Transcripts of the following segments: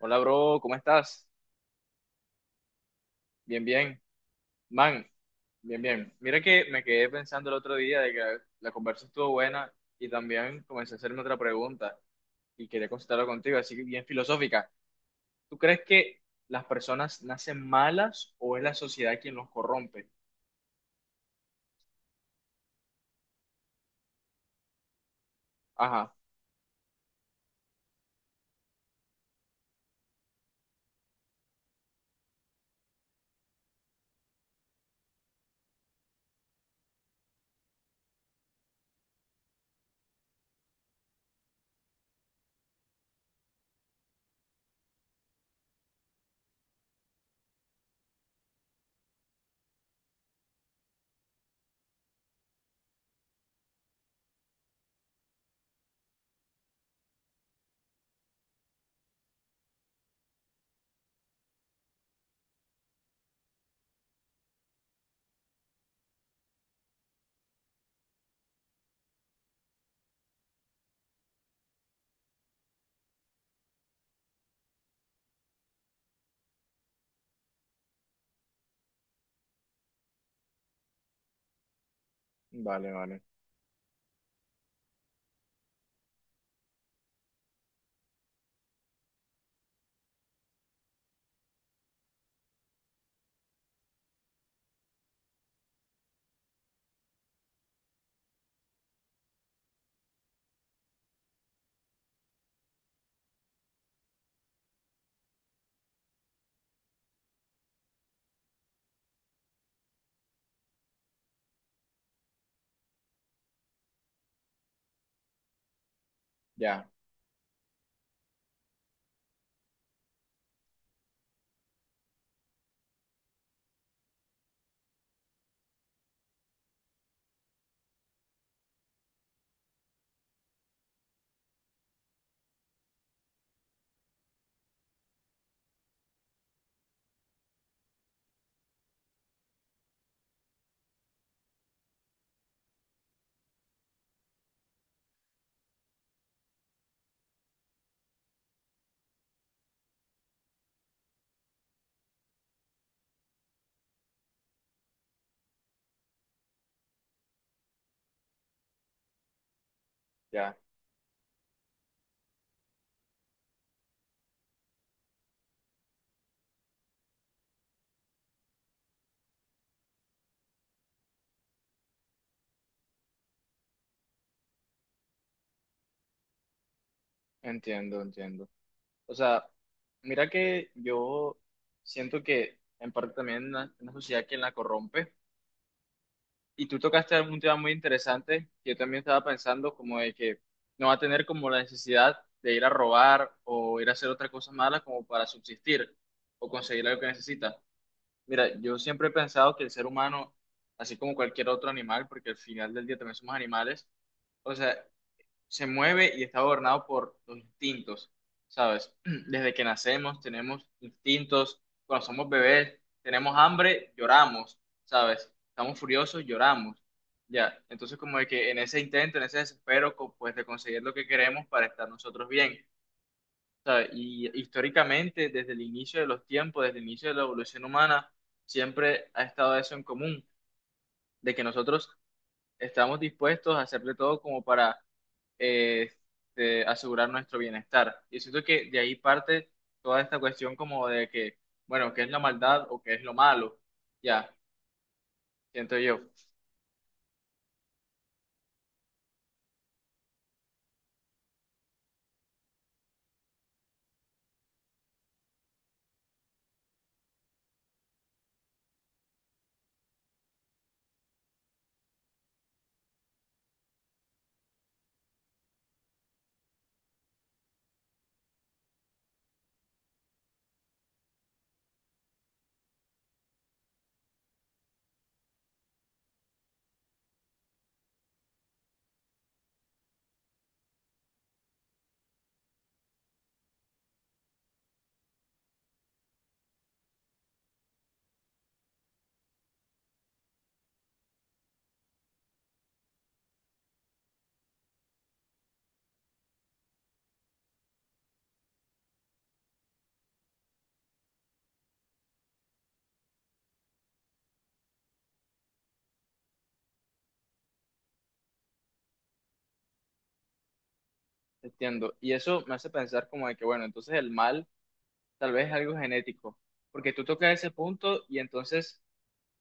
Hola, bro, ¿cómo estás? Bien, bien. Man, bien, bien. Mira que me quedé pensando el otro día de que la conversa estuvo buena y también comencé a hacerme otra pregunta y quería consultarlo contigo, así que bien filosófica. ¿Tú crees que las personas nacen malas o es la sociedad quien los corrompe? Ajá, vale, vale. Ya, ya. Entiendo, entiendo. O sea, mira que yo siento que en parte también la sociedad quien la corrompe. Y tú tocaste un tema muy interesante que yo también estaba pensando, como de que no va a tener como la necesidad de ir a robar o ir a hacer otra cosa mala como para subsistir o conseguir algo que necesita. Mira, yo siempre he pensado que el ser humano, así como cualquier otro animal, porque al final del día también somos animales, o sea, se mueve y está gobernado por los instintos, ¿sabes? Desde que nacemos tenemos instintos, cuando somos bebés tenemos hambre, lloramos, ¿sabes? Estamos furiosos, lloramos, ya. Entonces como de que en ese intento, en ese desespero, pues de conseguir lo que queremos para estar nosotros bien, ¿sabes? Y históricamente, desde el inicio de los tiempos, desde el inicio de la evolución humana, siempre ha estado eso en común, de que nosotros estamos dispuestos a hacer de todo como para este, asegurar nuestro bienestar. Y siento que de ahí parte toda esta cuestión como de que, bueno, ¿qué es la maldad o qué es lo malo? Ya, siento yo, entiendo. Y eso me hace pensar como de que, bueno, entonces el mal tal vez es algo genético, porque tú tocas ese punto y entonces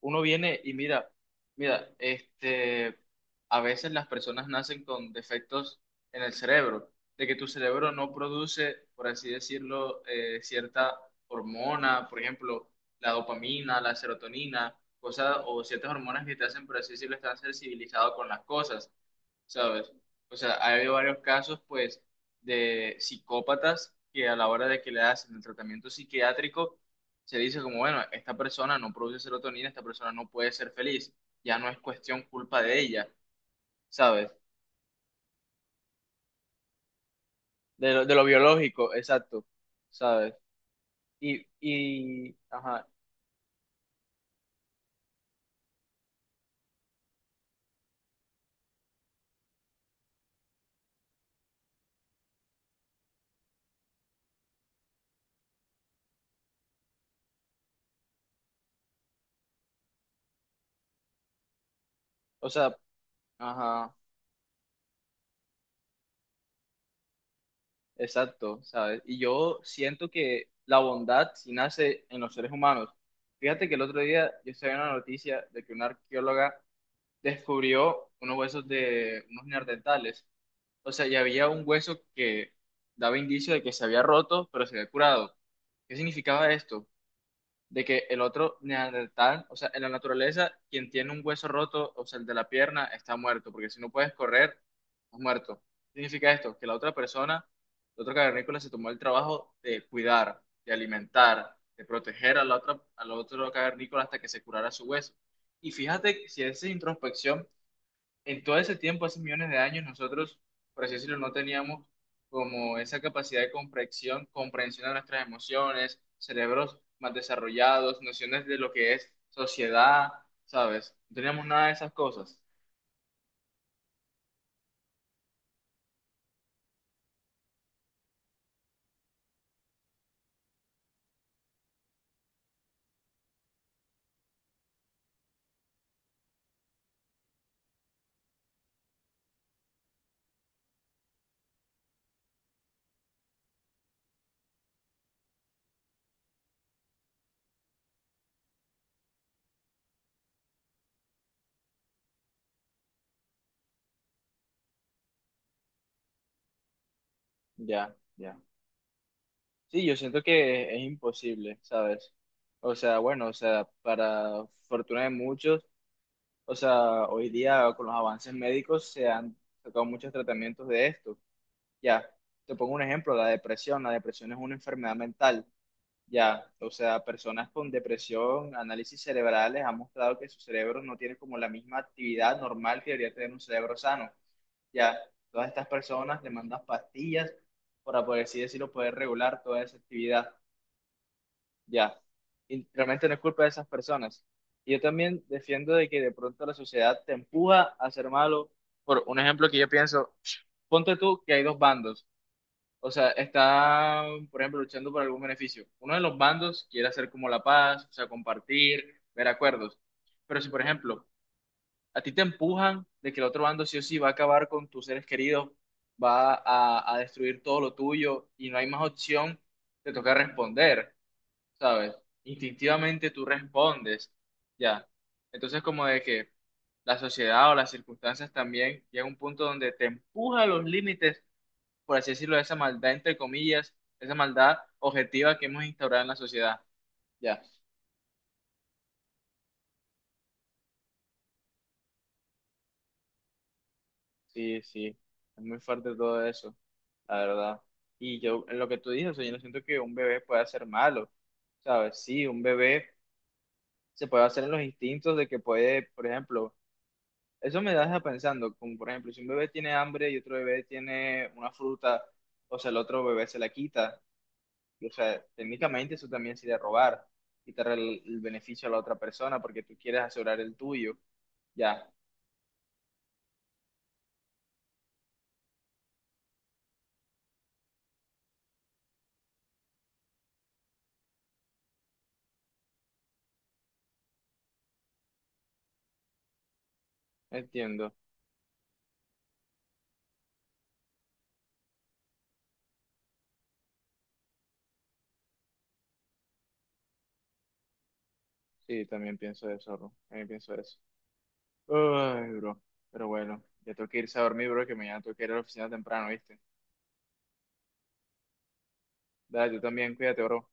uno viene y mira, mira, este, a veces las personas nacen con defectos en el cerebro, de que tu cerebro no produce, por así decirlo, cierta hormona, por ejemplo, la dopamina, la serotonina, cosas o ciertas hormonas que te hacen, por así decirlo, estar sensibilizado con las cosas. ¿Sabes? O sea, ha habido varios casos, pues, de psicópatas que a la hora de que le hacen el tratamiento psiquiátrico, se dice como, bueno, esta persona no produce serotonina, esta persona no puede ser feliz, ya no es cuestión culpa de ella, ¿sabes? De lo biológico, exacto, ¿sabes? Y ajá, o sea, ajá, exacto, ¿sabes? Y yo siento que la bondad sí nace en los seres humanos. Fíjate que el otro día yo estaba en una noticia de que una arqueóloga descubrió unos huesos de unos neandertales. O sea, ya había un hueso que daba indicio de que se había roto, pero se había curado. ¿Qué significaba esto? De que el otro neandertal, o sea, en la naturaleza, quien tiene un hueso roto, o sea, el de la pierna, está muerto, porque si no puedes correr, estás muerto. ¿Qué significa esto? Que la otra persona, el otro cavernícola, se tomó el trabajo de cuidar, de alimentar, de proteger a la otra, al otro cavernícola hasta que se curara su hueso. Y fíjate que si haces introspección, en todo ese tiempo, hace millones de años, nosotros, por así decirlo, no teníamos como esa capacidad de comprensión, comprensión de nuestras emociones, cerebros más desarrollados, nociones de lo que es sociedad, ¿sabes? No teníamos nada de esas cosas. Ya, ya. Sí, yo siento que es imposible, ¿sabes? O sea, bueno, o sea, para fortuna de muchos, o sea, hoy día con los avances médicos se han sacado muchos tratamientos de esto. Ya, te pongo un ejemplo, la depresión. La depresión es una enfermedad mental. Ya, o sea, personas con depresión, análisis cerebrales han mostrado que su cerebro no tiene como la misma actividad normal que debería tener un cerebro sano. Ya, todas estas personas demandan pastillas para, por así decirlo, poder regular toda esa actividad. Ya, y realmente no es culpa de esas personas. Y yo también defiendo de que de pronto la sociedad te empuja a ser malo. Por un ejemplo que yo pienso, ponte tú que hay dos bandos, o sea, está, por ejemplo, luchando por algún beneficio. Uno de los bandos quiere hacer como la paz, o sea, compartir, ver acuerdos. Pero si, por ejemplo, a ti te empujan de que el otro bando sí o sí va a acabar con tus seres queridos, va a destruir todo lo tuyo y no hay más opción, te toca responder, ¿sabes? Instintivamente tú respondes, ya. Entonces, como de que la sociedad o las circunstancias también llega a un punto donde te empuja a los límites, por así decirlo, esa maldad, entre comillas, esa maldad objetiva que hemos instaurado en la sociedad. Ya, sí, sí, es muy fuerte todo eso, la verdad. Y yo, en lo que tú dices, o sea, yo no siento que un bebé pueda ser malo, ¿sabes? Sí, un bebé se puede hacer en los instintos de que puede, por ejemplo, eso me deja pensando, como por ejemplo, si un bebé tiene hambre y otro bebé tiene una fruta, o sea, el otro bebé se la quita. O sea, técnicamente eso también sería robar, quitar el beneficio a la otra persona porque tú quieres asegurar el tuyo. Ya, entiendo. Sí, también pienso eso, bro. También pienso eso. Ay, bro. Pero bueno, ya tengo que irse a dormir, bro, que mañana tengo que ir a la oficina temprano, ¿viste? Dale, tú también, cuídate, bro.